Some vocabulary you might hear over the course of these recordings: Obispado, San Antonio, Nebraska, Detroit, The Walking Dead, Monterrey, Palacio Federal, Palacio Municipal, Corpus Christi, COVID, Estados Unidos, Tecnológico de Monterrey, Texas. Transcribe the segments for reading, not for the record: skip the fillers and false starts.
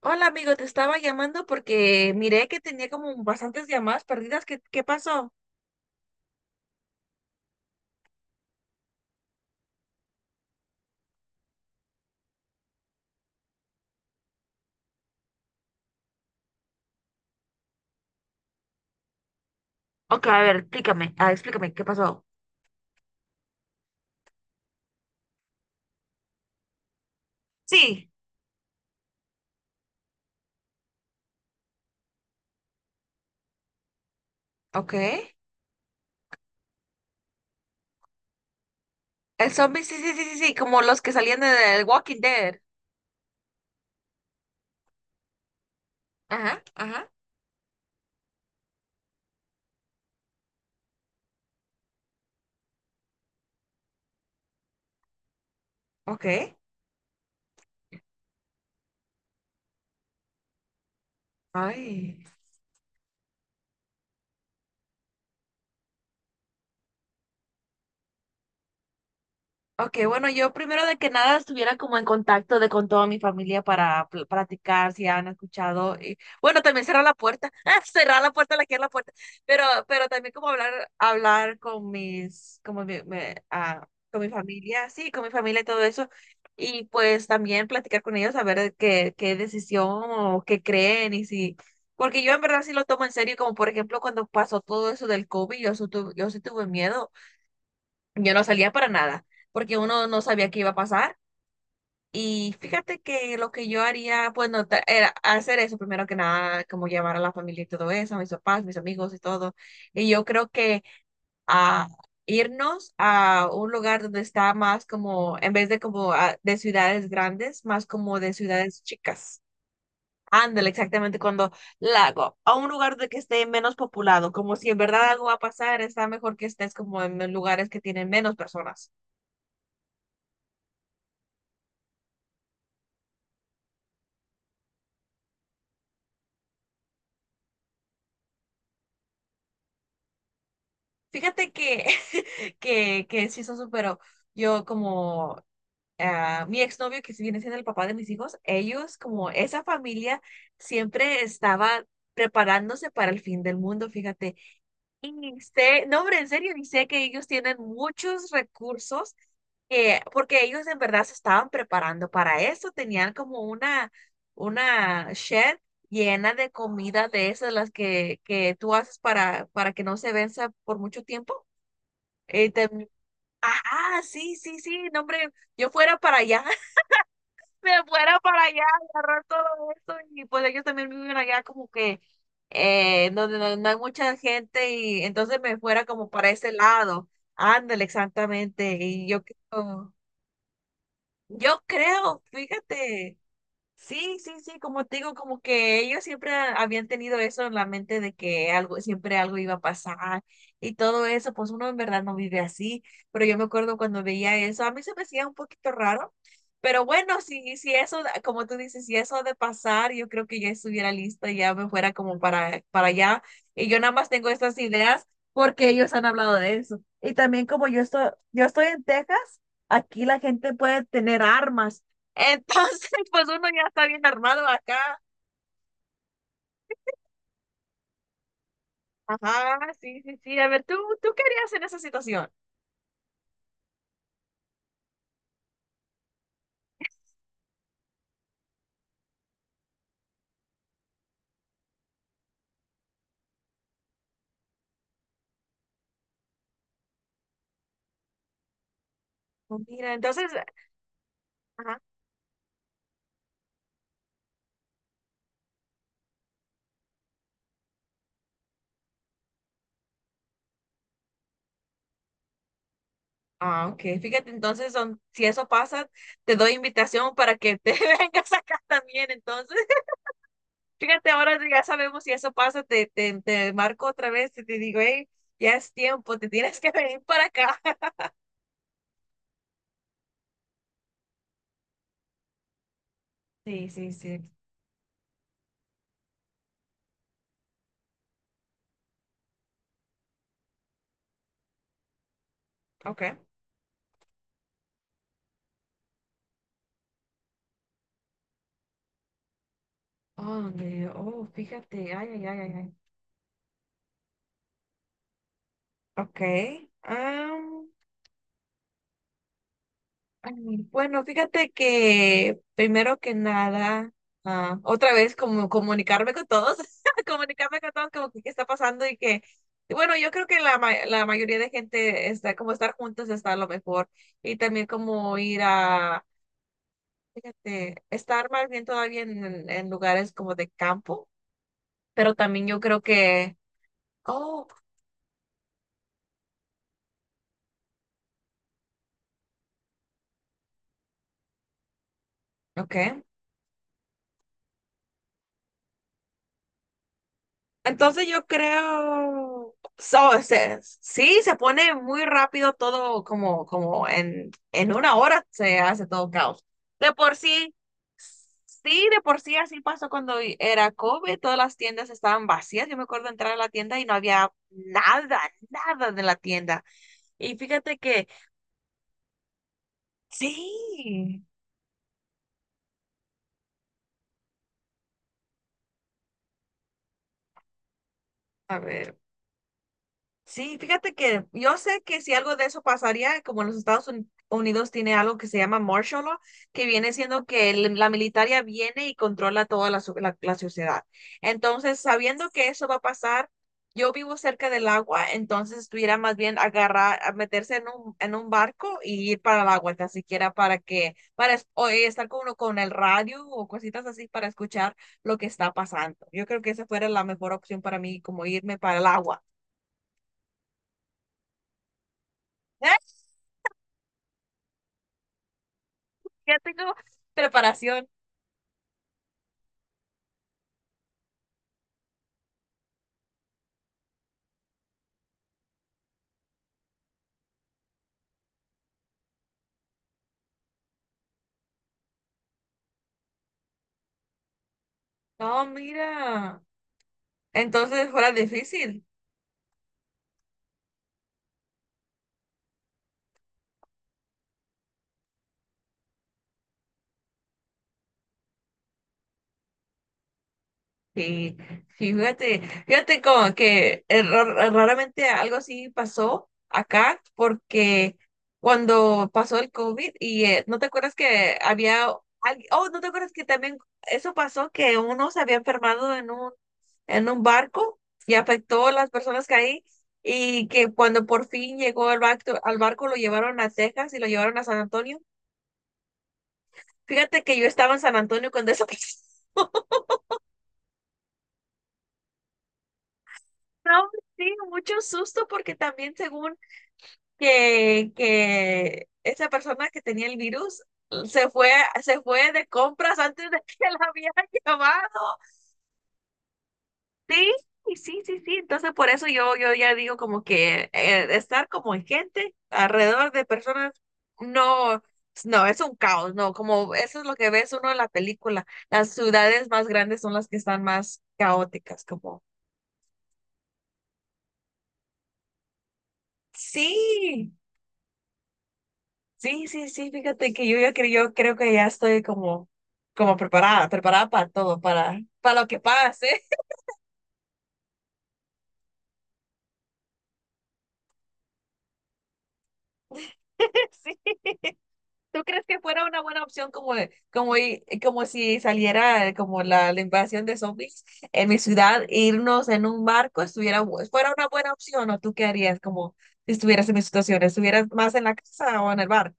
Hola amigo, te estaba llamando porque miré que tenía como bastantes llamadas perdidas. ¿Qué pasó? Ok, a ver, explícame, explícame, ¿qué pasó? Sí, ok. El zombie, sí, sí, sí, sí, sí, como los que salían de The Walking Dead. Ajá, ajá, ok. Ay. Ok, bueno, yo primero de que nada estuviera como en contacto de con toda mi familia para platicar si han escuchado y bueno, también cerrar la puerta, cerrar la puerta, la que es la puerta, pero también como hablar con mis como con mi familia, sí, con mi familia y todo eso y pues también platicar con ellos a ver qué decisión o qué creen. Y si porque yo en verdad sí lo tomo en serio, como por ejemplo cuando pasó todo eso del COVID, yo sí yo sí tuve miedo. Yo no salía para nada, porque uno no sabía qué iba a pasar. Y fíjate que lo que yo haría, pues, no, era hacer eso primero que nada, como llevar a la familia y todo eso, a mis papás, mis amigos y todo. Y yo creo que a irnos a un lugar donde está más como, en vez de de ciudades grandes, más como de ciudades chicas. Ándale, exactamente, cuando lago, a un lugar de que esté menos populado, como si en verdad algo va a pasar, está mejor que estés como en lugares que tienen menos personas. Fíjate que, que sí, eso superó. Yo como mi exnovio, que sí viene siendo el papá de mis hijos, ellos como esa familia siempre estaba preparándose para el fin del mundo, fíjate. Y sé, no, hombre, en serio, y sé que ellos tienen muchos recursos, porque ellos en verdad se estaban preparando para eso, tenían como una shed llena de comida de esas, que tú haces para que no se venza por mucho tiempo. eh, tem- Ajá, sí, sí, sí, no, hombre, yo fuera para allá, me fuera para allá, agarrar todo esto y pues ellos también viven allá como que donde no hay mucha gente, y entonces me fuera como para ese lado, ándale, exactamente, y yo creo, fíjate. Sí, sí, sí, como te digo, como que ellos siempre habían tenido eso en la mente de que algo, siempre algo iba a pasar y todo eso, pues uno en verdad no vive así, pero yo me acuerdo cuando veía eso, a mí se me hacía un poquito raro, pero bueno, si eso, como tú dices, si eso ha de pasar, yo creo que ya estuviera lista, ya me fuera como para allá, y yo nada más tengo estas ideas porque ellos han hablado de eso. Y también como yo estoy en Texas, aquí la gente puede tener armas. Entonces, pues uno ya está bien armado acá. Ajá, sí, sí, sí. A ver, ¿tú, tú qué harías en esa situación? Oh, mira, entonces, ajá. Ah, ok. Fíjate, entonces, son, si eso pasa, te doy invitación para que te vengas acá también. Entonces, fíjate, ahora ya sabemos si eso pasa, te marco otra vez y te digo, hey, ya es tiempo, te tienes que venir para acá. Sí, sí, sí. Ok. Oh, Dios. Oh, fíjate. Ay, ay, ay, ay. Ay. Ok. Bueno, fíjate que primero que nada, otra vez como comunicarme con todos, comunicarme con todos como que qué está pasando y que, y bueno, yo creo que la mayoría de gente está como estar juntos está a lo mejor y también como ir a, fíjate, estar más bien todavía en, en lugares como de campo, pero también yo creo que, oh, ok. Entonces yo creo, so, o sea, sí, se pone muy rápido todo como, como en una hora se hace todo caos. De por sí, sí, de por sí así pasó cuando era COVID, todas las tiendas estaban vacías. Yo me acuerdo entrar a la tienda y no había nada, nada de la tienda. Y fíjate que sí, a ver. Sí, fíjate que yo sé que si algo de eso pasaría, como en los Unidos tiene algo que se llama martial law, que viene siendo que la militaria viene y controla toda la sociedad. Entonces, sabiendo que eso va a pasar, yo vivo cerca del agua, entonces estuviera más bien agarrar, a meterse en un barco y ir para el agua, tan siquiera para que, para es- o estar con uno con el radio o cositas así para escuchar lo que está pasando. Yo creo que esa fuera la mejor opción para mí, como irme para el agua. Ya tengo preparación. No, mira. Entonces fuera difícil. Sí, sí, fíjate, fíjate como que raramente algo así pasó acá porque cuando pasó el COVID y no te acuerdas que había alguien, oh, no te acuerdas que también eso pasó que uno se había enfermado en un barco y afectó a las personas que ahí y que cuando por fin llegó el barco, al barco lo llevaron a Texas y lo llevaron a San Antonio. Fíjate que yo estaba en San Antonio cuando eso pasó. No, sí, mucho susto porque también según que esa persona que tenía el virus se fue, se fue de compras antes de que la habían llamado. Sí, y sí, sí, sí. Entonces por eso yo, yo ya digo como que estar como en gente alrededor de personas, no, no, es un caos, no, como eso es lo que ves uno en la película. Las ciudades más grandes son las que están más caóticas, como sí, sí, sí, sí, fíjate que yo, yo creo que ya estoy como, como preparada, preparada para todo, para lo que pase. Sí. ¿Tú crees que fuera una buena opción como, como, como si saliera como la invasión de zombies en mi ciudad, irnos en un barco, estuviera, fuera una buena opción o tú qué harías como si estuvieras en mi situación, estuvieras más en la casa o en el barco?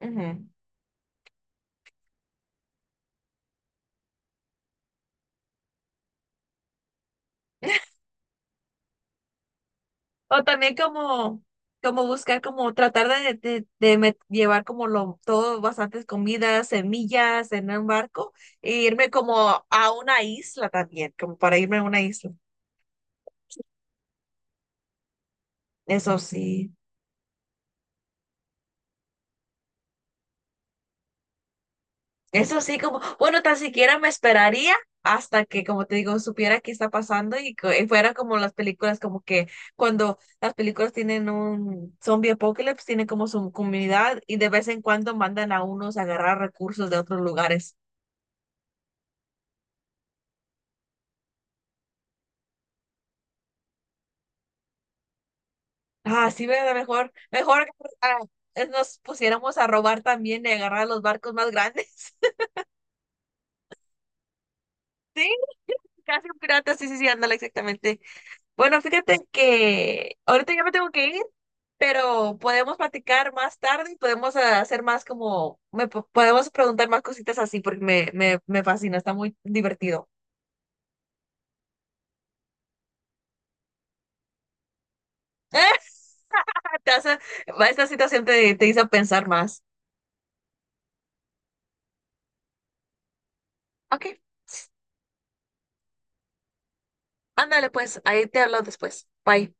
Ujú. O también como, como buscar, como tratar de, llevar como lo, todo, bastantes comidas, semillas en un barco, e irme como a una isla también, como para irme a una isla. Eso sí, eso sí, como, bueno, tan siquiera me esperaría hasta que, como te digo, supiera qué está pasando y fuera como las películas, como que cuando las películas tienen un zombie apocalypse, tienen como su comunidad y de vez en cuando mandan a unos a agarrar recursos de otros lugares. Ah, sí, ¿verdad? Mejor, mejor ah, nos pusiéramos a robar también y agarrar los barcos más grandes. Sí, casi un pirata, sí, sí, sí, ándale, exactamente. Bueno, fíjate que ahorita ya me tengo que ir, pero podemos platicar más tarde y podemos hacer más como, podemos preguntar más cositas así porque me fascina, está muy divertido. Te hace- Esta situación te, te hizo pensar más. Ok, ándale pues, ahí te hablo después. Bye.